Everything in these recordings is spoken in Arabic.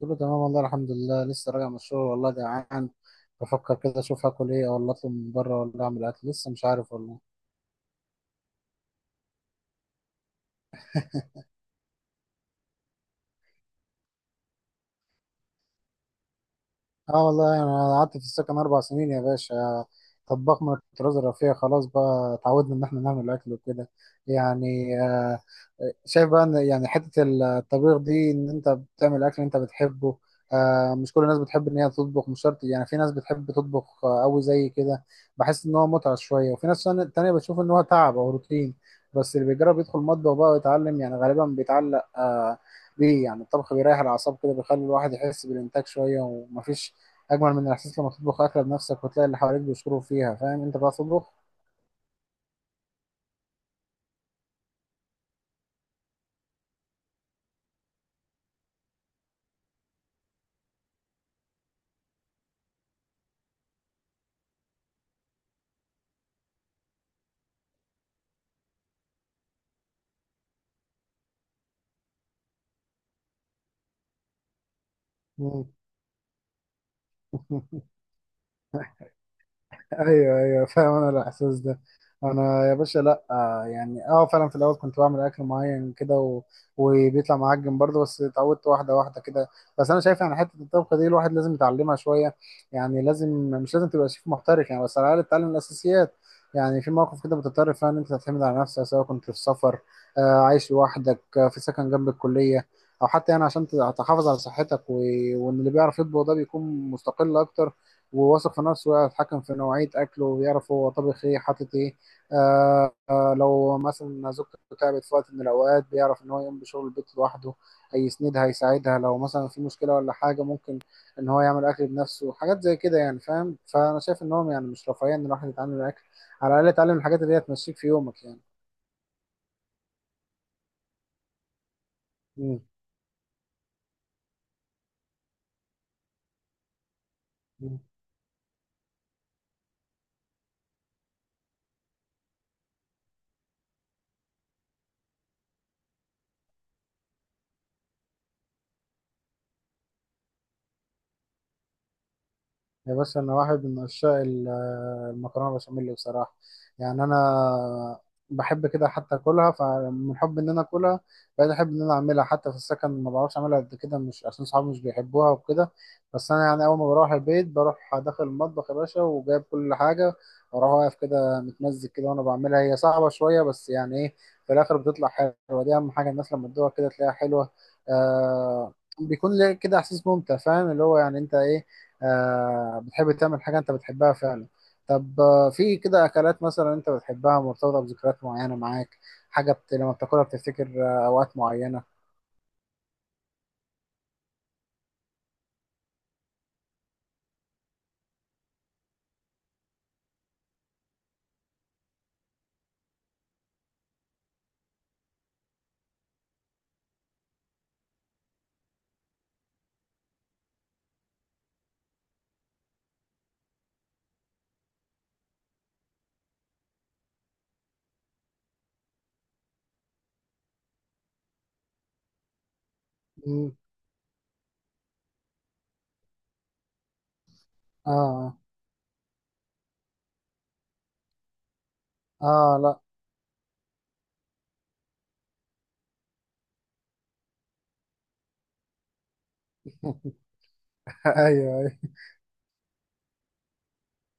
قلت له تمام، والله الحمد لله، لسه راجع من الشغل والله جعان. بفكر كده اشوف هاكل ايه، ولا اطلب من بره، ولا اعمل اكل، لسه مش عارف والله. اه والله، يعني انا قعدت في السكن اربع سنين يا باشا. طباخ من الطراز الرفيع، خلاص بقى اتعودنا ان احنا نعمل اكل وكده. يعني شايف بقى ان، يعني، حته الطبيخ دي، ان انت بتعمل اكل انت بتحبه. مش كل الناس بتحب ان هي تطبخ، مش شرط يعني. في ناس بتحب تطبخ قوي زي كده، بحس ان هو متعه شويه. وفي ناس تانية تانية بتشوف ان هو تعب او روتين. بس اللي بيجرب يدخل مطبخ بقى ويتعلم، يعني غالبا بيتعلق بيه. يعني الطبخ بيريح الاعصاب كده، بيخلي الواحد يحس بالانتاج شويه. ومفيش اجمل من الاحساس لما تطبخ اكله بنفسك وتلاقي اللي حواليك بيشكروا فيها. فاهم انت بقى تطبخ؟ مم. ايوه ايوه، فاهم انا الاحساس ده. انا يا باشا، لا يعني اه فعلا في الاول كنت بعمل اكل معين كده وبيطلع معجن برضه. بس اتعودت واحده واحده كده. بس انا شايف يعني حته الطبخه دي الواحد لازم يتعلمها شويه. يعني لازم، مش لازم تبقى شيف محترف يعني، بس على الاقل تتعلم الاساسيات. يعني في مواقف كده بتضطر فيها ان انت تعتمد على نفسك، سواء كنت في سفر، عايش لوحدك، في سكن جنب الكليه، او حتى يعني عشان تحافظ على صحتك وان اللي بيعرف يطبخ ده بيكون مستقل اكتر، وواثق في نفسه، ويعرف يتحكم في نوعية أكله، ويعرف هو طبخ إيه حاطط إيه. لو مثلا زوجته تعبت في وقت من الأوقات، بيعرف إن هو يقوم بشغل البيت لوحده، هيسندها هيساعدها لو مثلا في مشكلة ولا حاجة. ممكن إن هو يعمل أكل بنفسه، حاجات زي كده يعني. فاهم؟ فأنا شايف إن هو، يعني، مش رفاهية إن الواحد يتعلم الأكل، على الأقل يتعلم الحاجات اللي هي تمشيك في يومك يعني. مم. مم. يا باشا، انا واحد من عشاق المكرونه بشاميل بصراحه. يعني انا بحب كده حتى اكلها، فمن حب ان انا اكلها بقيت احب ان انا اعملها. حتى في السكن ما بعرفش اعملها قد كده، مش عشان صحابي مش بيحبوها وكده، بس انا يعني اول ما بروح البيت بروح داخل المطبخ يا باشا وجايب كل حاجه، واروح واقف كده متمزج كده وانا بعملها. هي صعبه شويه بس يعني ايه، في الاخر بتطلع حلوه. دي اهم حاجه، الناس لما تدوقها كده تلاقيها حلوه. آه بيكون ليه كده احساس ممتع، فاهم؟ اللي هو يعني انت ايه، بتحب تعمل حاجة أنت بتحبها فعلا. طب في كده أكلات مثلا أنت بتحبها مرتبطة بذكريات معينة معاك، حاجة لما بتاكلها بتفتكر أوقات معينة؟ مم. آه. آه. آه، لا. أيوه أيوه.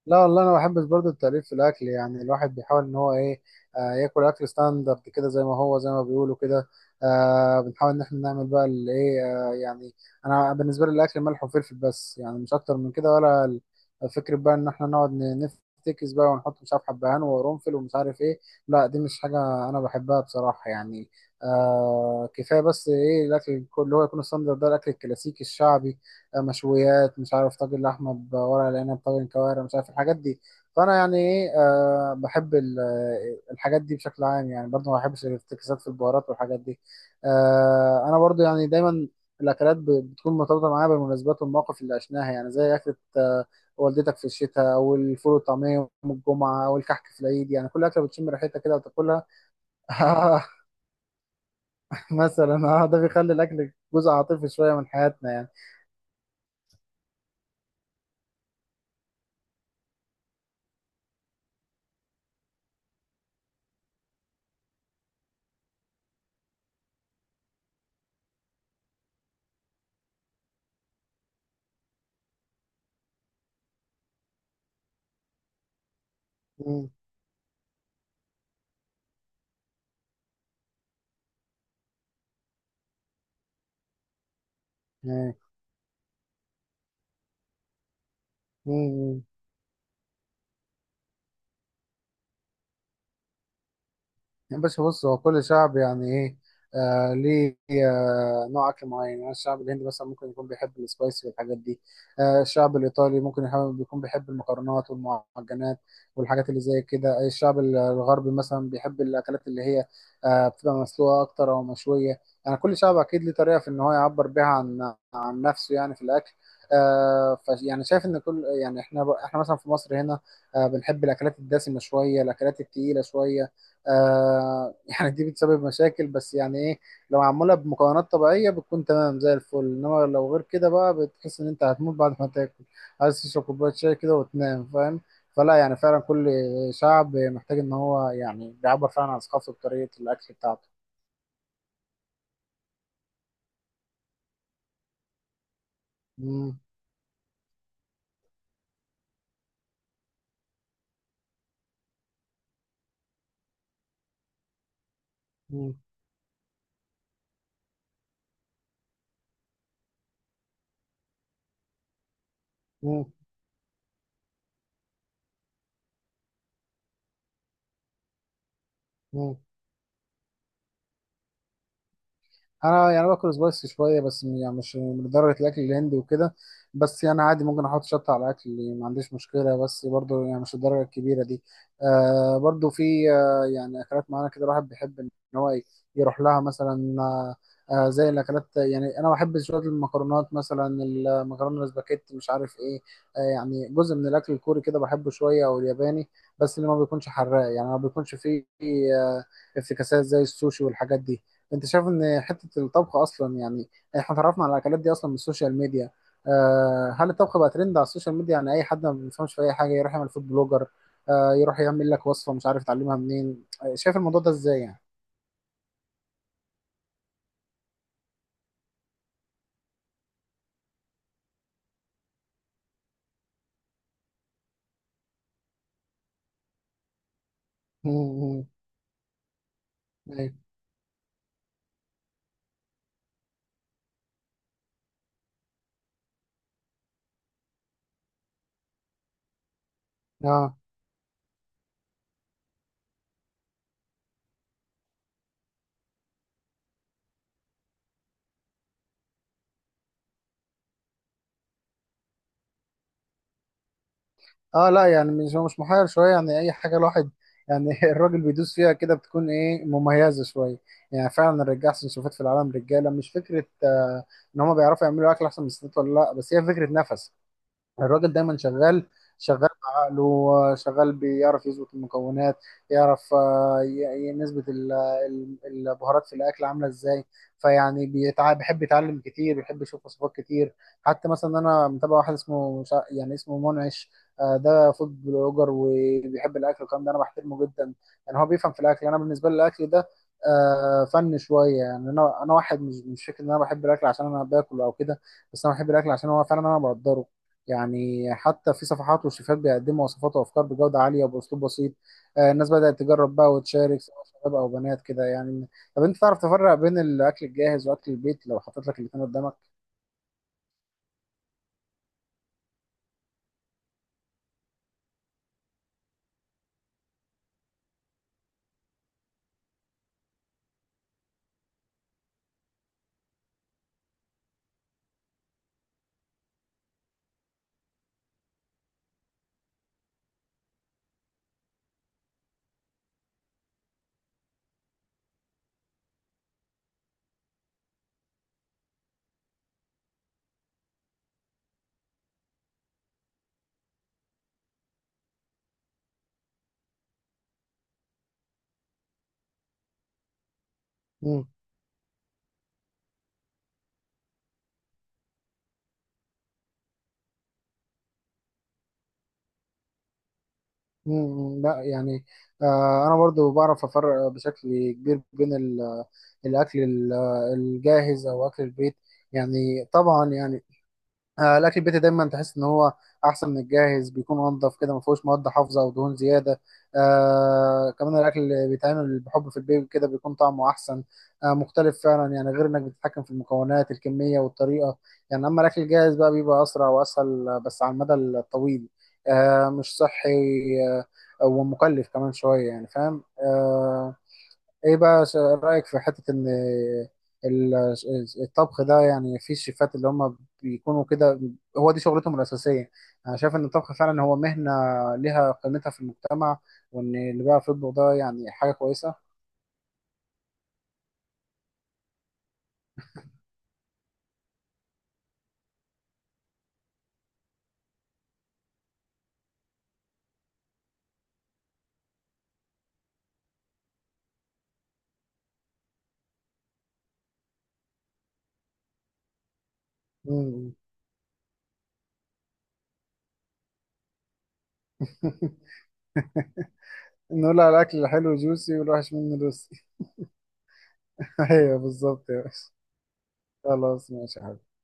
لا والله، انا بحب برضه التأليف في الاكل، يعني الواحد بيحاول ان هو ايه، ياكل اكل ستاندرد كده زي ما هو، زي ما بيقولوا كده. بنحاول ان احنا نعمل بقى الايه، يعني انا بالنسبه لي الاكل ملح وفلفل بس، يعني مش اكتر من كده. ولا فكره بقى ان احنا نقعد نفتكس بقى ونحط مش عارف حبهان وقرنفل ومش عارف ايه، لا دي مش حاجه انا بحبها بصراحه يعني. كفايه بس ايه الاكل اللي هو يكون ستاندرد ده، الاكل الكلاسيكي الشعبي، مشويات، مش عارف، طاجن لحمه بورق العنب، طاجن كوارع، مش عارف الحاجات دي. فانا يعني ايه، بحب الحاجات دي بشكل عام يعني. برضو ما بحبش الافتكاسات في البهارات والحاجات دي. انا برضو يعني دايما الاكلات بتكون مرتبطه معايا بالمناسبات والمواقف اللي عشناها، يعني زي اكله والدتك في الشتاء، او الفول والطعميه يوم الجمعه، او الكحك في العيد. يعني كل اكله بتشم ريحتها كده وتاكلها. آه مثلا. اه ده بيخلي الاكل جزء عاطفي شويه من حياتنا يعني. مم. مم. مم. يا باشا بص، هو كل شعب يعني ايه، ليه نوع اكل معين. يعني الشعب الهندي مثلا ممكن يكون بيحب السبايسي والحاجات دي، الشعب الايطالي ممكن يكون بيحب المكرونات والمعجنات والحاجات اللي زي كده. الشعب الغربي مثلا بيحب الاكلات اللي هي بتبقى مسلوقه اكتر او مشويه. يعني كل شعب اكيد ليه طريقه في ان هو يعبر بيها عن نفسه يعني في الاكل. آه، ف يعني شايف ان كل، يعني، احنا مثلا في مصر هنا بنحب الاكلات الدسمه شويه، الاكلات التقيله شويه. آه يعني دي بتسبب مشاكل بس يعني ايه. لو معمولة بمكونات طبيعية بتكون تمام زي الفل، إنما لو غير كده بقى بتحس إن أنت هتموت بعد ما تاكل، عايز تشرب كوباية شاي كده وتنام، فاهم؟ فلا يعني فعلا كل شعب محتاج إن هو يعني بيعبر فعلا عن ثقافته بطريقة الأكل بتاعته. مم. مم. مم. مم. انا يعني باكل سبايسي شويه، بس يعني مش من درجه الاكل الهندي وكده. بس يعني عادي ممكن احط شطه على الاكل يعني، ما عنديش مشكله، بس برضو يعني مش الدرجه الكبيره دي. برضو في يعني اكلات معينه كده الواحد بيحب ان هو ي- يروح لها مثلا زي الاكلات. يعني انا بحب شويه المكرونات مثلا، المكرونه الاسباجيتي مش عارف ايه، يعني جزء من الاكل الكوري كده بحبه شويه، او الياباني، بس اللي ما بيكونش حراق، يعني ما بيكونش فيه آه افتكاسات زي السوشي والحاجات دي. انت شايف ان حته الطبخ اصلا يعني احنا اتعرفنا على الاكلات دي اصلا من السوشيال ميديا؟ هل الطبخ بقى ترند على السوشيال ميديا؟ يعني اي حد ما بيفهمش في اي حاجه يروح يعمل فود بلوجر، يروح يعمل لك وصفه مش عارف يتعلمها منين. شايف الموضوع ده ازاي يعني؟ مم. ايوه اه. اه لا يعني، مش، هو مش محير شويه يعني. اي حاجه الواحد يعني الراجل بيدوس فيها كده بتكون ايه، مميزه شويه. يعني فعلا الرجاله احسن شوفات في العالم رجاله، مش فكره ان هم بيعرفوا يعملوا اكل احسن من الستات ولا لا، بس هي فكره نفس الراجل، دايما شغال، شغال بعقله، شغال بيعرف يظبط المكونات. يعرف نسبة ال- البهارات في الأكل عاملة إزاي. بيحب يتعلم كتير، بيحب يشوف وصفات كتير. حتى مثلا أنا متابع واحد اسمه مش ع- يعني اسمه منعش، ده فود بلوجر وبيحب الأكل والكلام ده. أنا بحترمه جدا يعني، هو بيفهم في الأكل. أنا بالنسبة لي الأكل ده فن شوية يعني. أنا واحد مش، فكرة إن أنا بحب الأكل عشان أنا باكل أو كده، بس أنا بحب الأكل عشان هو فعلا أنا بقدره يعني. حتى في صفحات وشيفات بيقدموا وصفات وافكار بجوده عاليه وباسلوب بسيط. الناس بدات تجرب بقى وتشارك، سواء شباب او بنات كده يعني. طب انت تعرف تفرق بين الاكل الجاهز واكل البيت لو حطيت لك الاثنين قدامك؟ مم. مم، لا يعني انا برضو بعرف افرق بشكل كبير بين الاكل الجاهز او اكل البيت. يعني طبعا يعني الاكل البيتي دايما تحس ان هو احسن من الجاهز، بيكون انضف كده، ما فيهوش مواد حافظه او دهون زياده. كمان الاكل اللي بيتعمل بحب في البيت كده بيكون طعمه احسن، مختلف فعلا يعني، غير انك بتتحكم في المكونات، الكميه والطريقه يعني. اما الاكل الجاهز بقى بيبقى اسرع واسهل، بس على المدى الطويل مش صحي، ومكلف كمان شويه يعني، فاهم؟ ايه بقى رأيك في حتة ان ال- الطبخ ده، يعني في الشيفات اللي هم بيكونوا كده هو دي شغلتهم الأساسية؟ انا شايف ان الطبخ فعلا هو مهنة ليها قيمتها في المجتمع، وان اللي بيعرف يطبخ ده يعني حاجة كويسة. مم. نقول على الأكل الحلو جوسي والوحش منه لوسي. ايوه بالظبط يا باشا. خلاص ماشي يا حبيبي.